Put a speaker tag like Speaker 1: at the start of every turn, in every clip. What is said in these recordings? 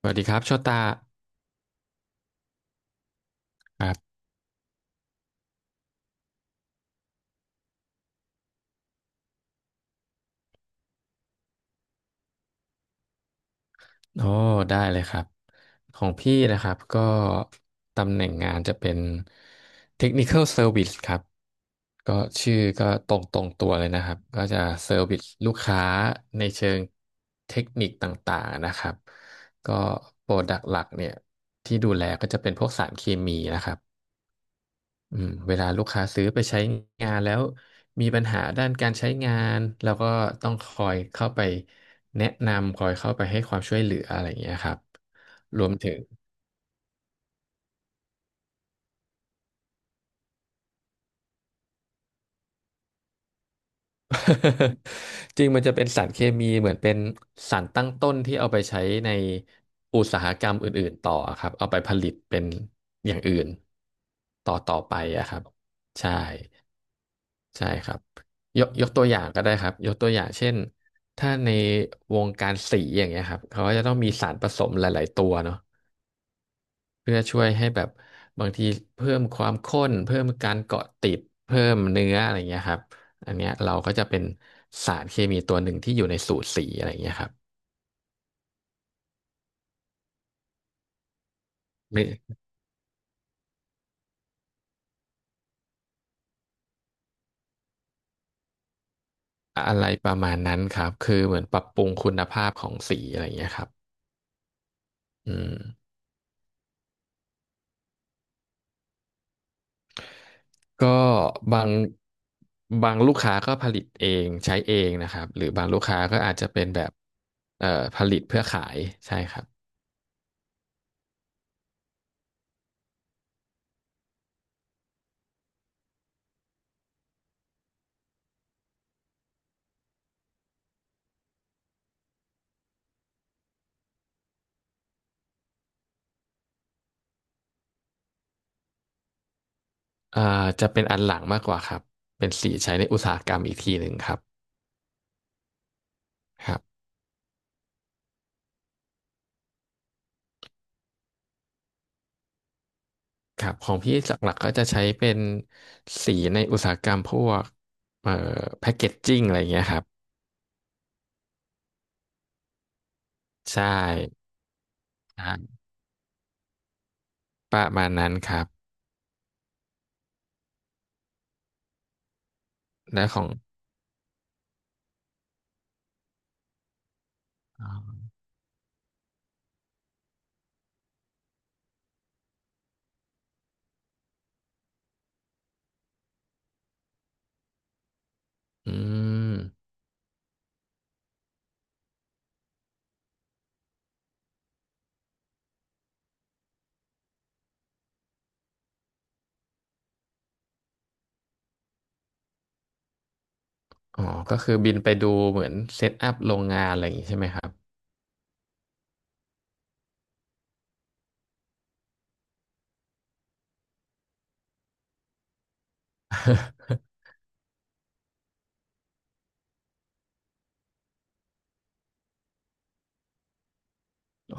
Speaker 1: สวัสดีครับโชตาครับโอ้ได้เลยครับของพี่นะครับก็ตำแหน่งงานจะเป็น Technical Service ครับก็ชื่อก็ตรงตัวเลยนะครับก็จะ Service ลูกค้าในเชิงเทคนิคต่างๆนะครับก็โปรดักต์หลักเนี่ยที่ดูแลก็จะเป็นพวกสารเคมีนะครับ เวลาลูกค้าซื้อไปใช้งานแล้วมีปัญหาด้านการใช้งานเราก็ต้องคอยเข้าไปแนะนำคอยเข้าไปให้ความช่วยเหลืออะไรอย่างเงี้ยครับรวมถึง จริงมันจะเป็นสารเคมีเหมือนเป็นสารตั้งต้นที่เอาไปใช้ในอุตสาหกรรมอื่นๆต่อครับเอาไปผลิตเป็นอย่างอื่นต่อไปอะครับใช่ ใช่ครับยกตัวอย่างก็ได้ครับยกตัวอย่างเช่น ถ้าในวงการสีอย่างเงี้ยครับเขาก็จะต้องมีสารผสมหลายๆตัวเนาะเพื่อช่วยให้แบบบางทีเพิ่มความข้นเพิ่มการเกาะติดเพิ่มเนื้ออะไรเงี้ยครับอันเนี้ยเราก็จะเป็นสารเคมีตัวหนึ่งที่อยู่ในสูตรสีอะไรเงี้ยครับนี่อะไรประมาณนั้นครับคือเหมือนปรับปรุงคุณภาพของสีอะไรเงี้ยครับอืม ก็บางบางลูกค้าก็ผลิตเองใช้เองนะครับหรือบางลูกค้าก็อาจจะเป็นแบบเอ่อผลิตเพื่อขายใช่ครับอ่าจะเป็นอันหลังมากกว่าครับเป็นสีใช้ในอุตสาหกรรมอีกทีหนึ่งครับครับครับของพี่หลักๆก็จะใช้เป็นสีในอุตสาหกรรมพวกเอ่อแพคกเกจจิ้งอะไรอย่างเงี้ยครับใช่ใช่ประมาณนั้นครับและของอ๋ออืมอ๋อก็คือบินไปดูเหมือนเซตอัพโรงงานอะไรอย่างงี้ใช่ไหมครับ โอ้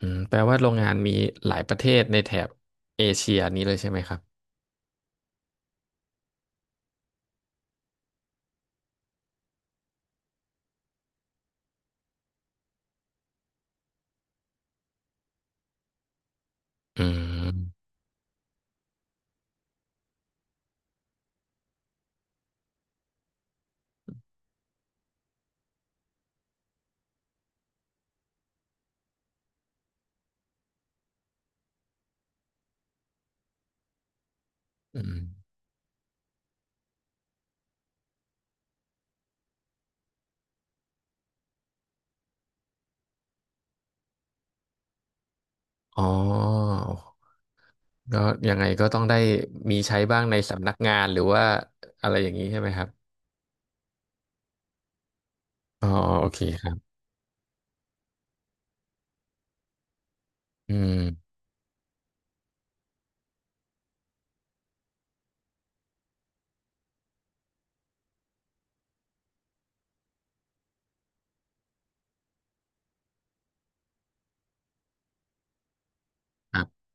Speaker 1: อืมแปลว่าโรงงานมีหลายประเทศในแถบเอเชียนี้เลยใช่ไหมครับอืมอืมอ๋อก็ยังไงก็ต้องได้มีใช้บ้างในสำนักงานหรือว่าอะไรอย่างนี้ใช่ไหมครับอ๋อโอเคครับ อืมครับ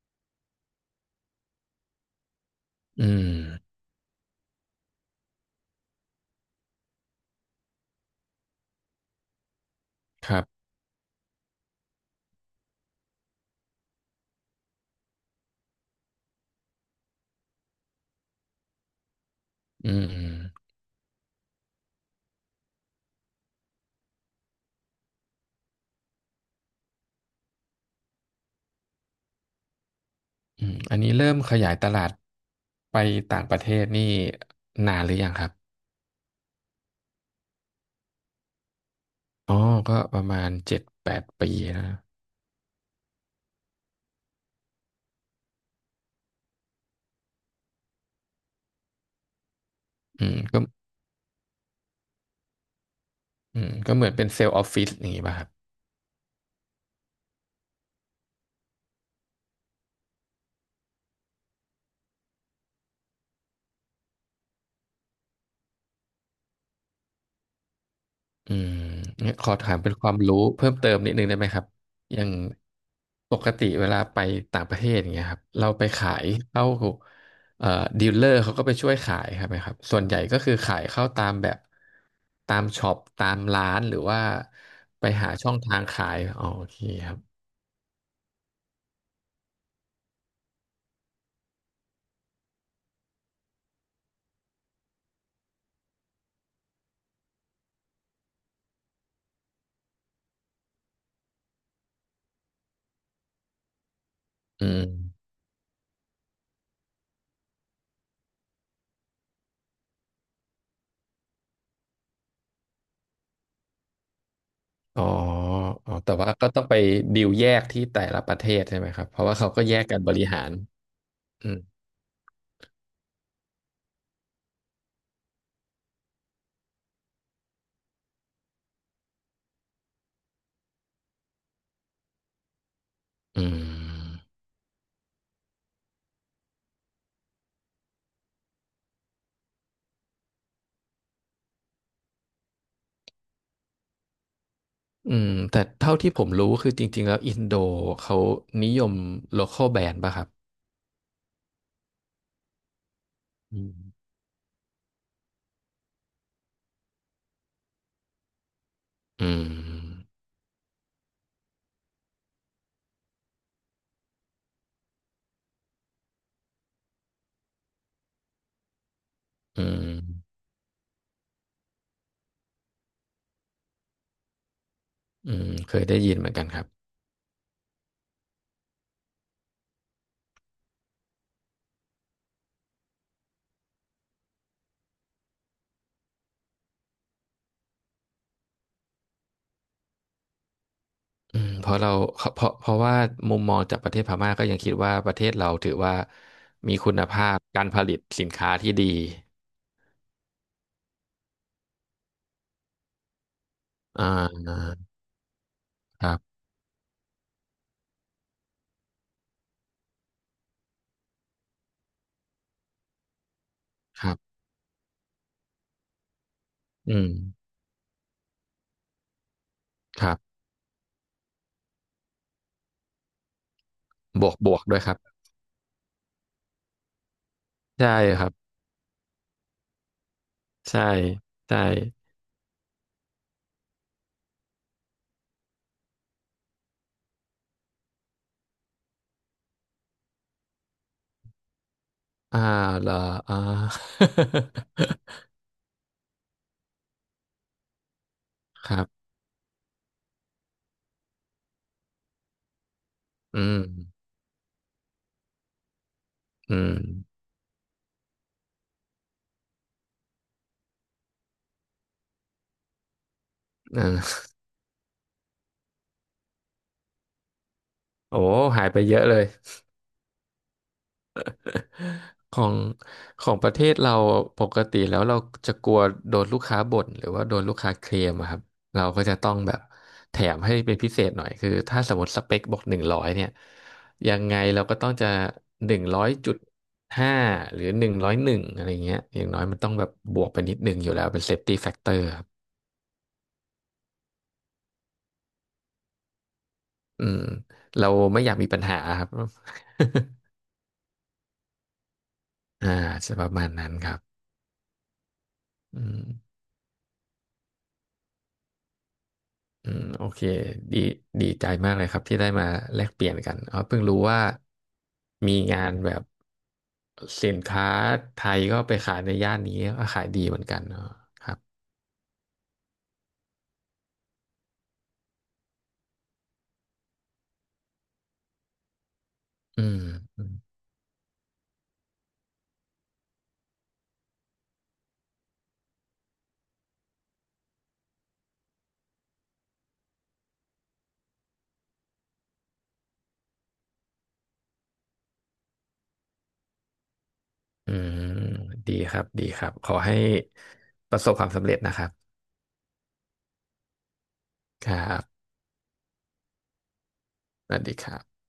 Speaker 1: อืมครับอืมอืมอมอันนี้เริ่มขยายตลาดไปต่างประเทศนี่นานหรือยังครับ อ๋อ ก็ประมาณ7-8 ปีแล้วนะอืมก็อืมก็เหมือนเป็นเซลล์ออฟฟิศอย่างงี้ป่ะครับ อืมงั้นขอถามเป็นความรู้เพิ่มเติมนิดนึงได้ไหมครับอย่างปกติเวลาไปต่างประเทศอย่างเงี้ยครับเราไปขายเข้าเอ่อดีลเลอร์เขาก็ไปช่วยขายครับไหมครับส่วนใหญ่ก็คือขายเข้าตามแบบตามช็อปตามร้านหรือว่าไปหาช่องทางขายอ๋อโอเคครับอืมอ๋ออ๋อแต่ว่าก็ต้องไปดีลแยกที่แต่ละประเทศใช่ไหมครับเพราะว่าเขาก็แยกกันบริหารอืมอืม อืมแต่เท่าที่ผมรู้คือจริงๆแล้วอินโดเขานิยม local brand ป่ะครับอืมอืมอืมอืมเคยได้ยินเหมือนกันครับอืมเพราะเราเพราะเพราะว่ามุมมองจากประเทศพม่าก็ยังคิดว่าประเทศเราถือว่ามีคุณภาพการผลิตสินค้าที่ดีอ่าครับครับอืมครับบวกบวกด้วยครับใช่ครับใช่ใช่อ่าละอ่า ครับอืมอืม อ่าโอ้หายไปเยอะเลยของของประเทศเราปกติแล้วเราจะกลัวโดนลูกค้าบ่นหรือว่าโดนลูกค้าเคลมอะครับเราก็จะต้องแบบแถมให้เป็นพิเศษหน่อยคือถ้าสมมติสเปคบอกหนึ่งร้อยเนี่ยยังไงเราก็ต้องจะ100.5หรือ101อะไรเงี้ยอย่างน้อยมันต้องแบบบวกไปนิดนึงอยู่แล้วเป็นเซฟตี้แฟกเตอร์ครับอืมเราไม่อยากมีปัญหาครับ อ่าจะประมาณนั้นครับอืม อืมโอเคดีดีใจมากเลยครับที่ได้มาแลกเปลี่ยนกันเอาเพิ่งรู้ว่ามีงานแบบสินค้าไทยก็ไปขายในย่านนี้ก็ขายดีเหมือนกันเนาะครับอืมอืมอืมดีครับดีครับขอให้ประสบความสำเร็จนะครับครับสวัสดีครับ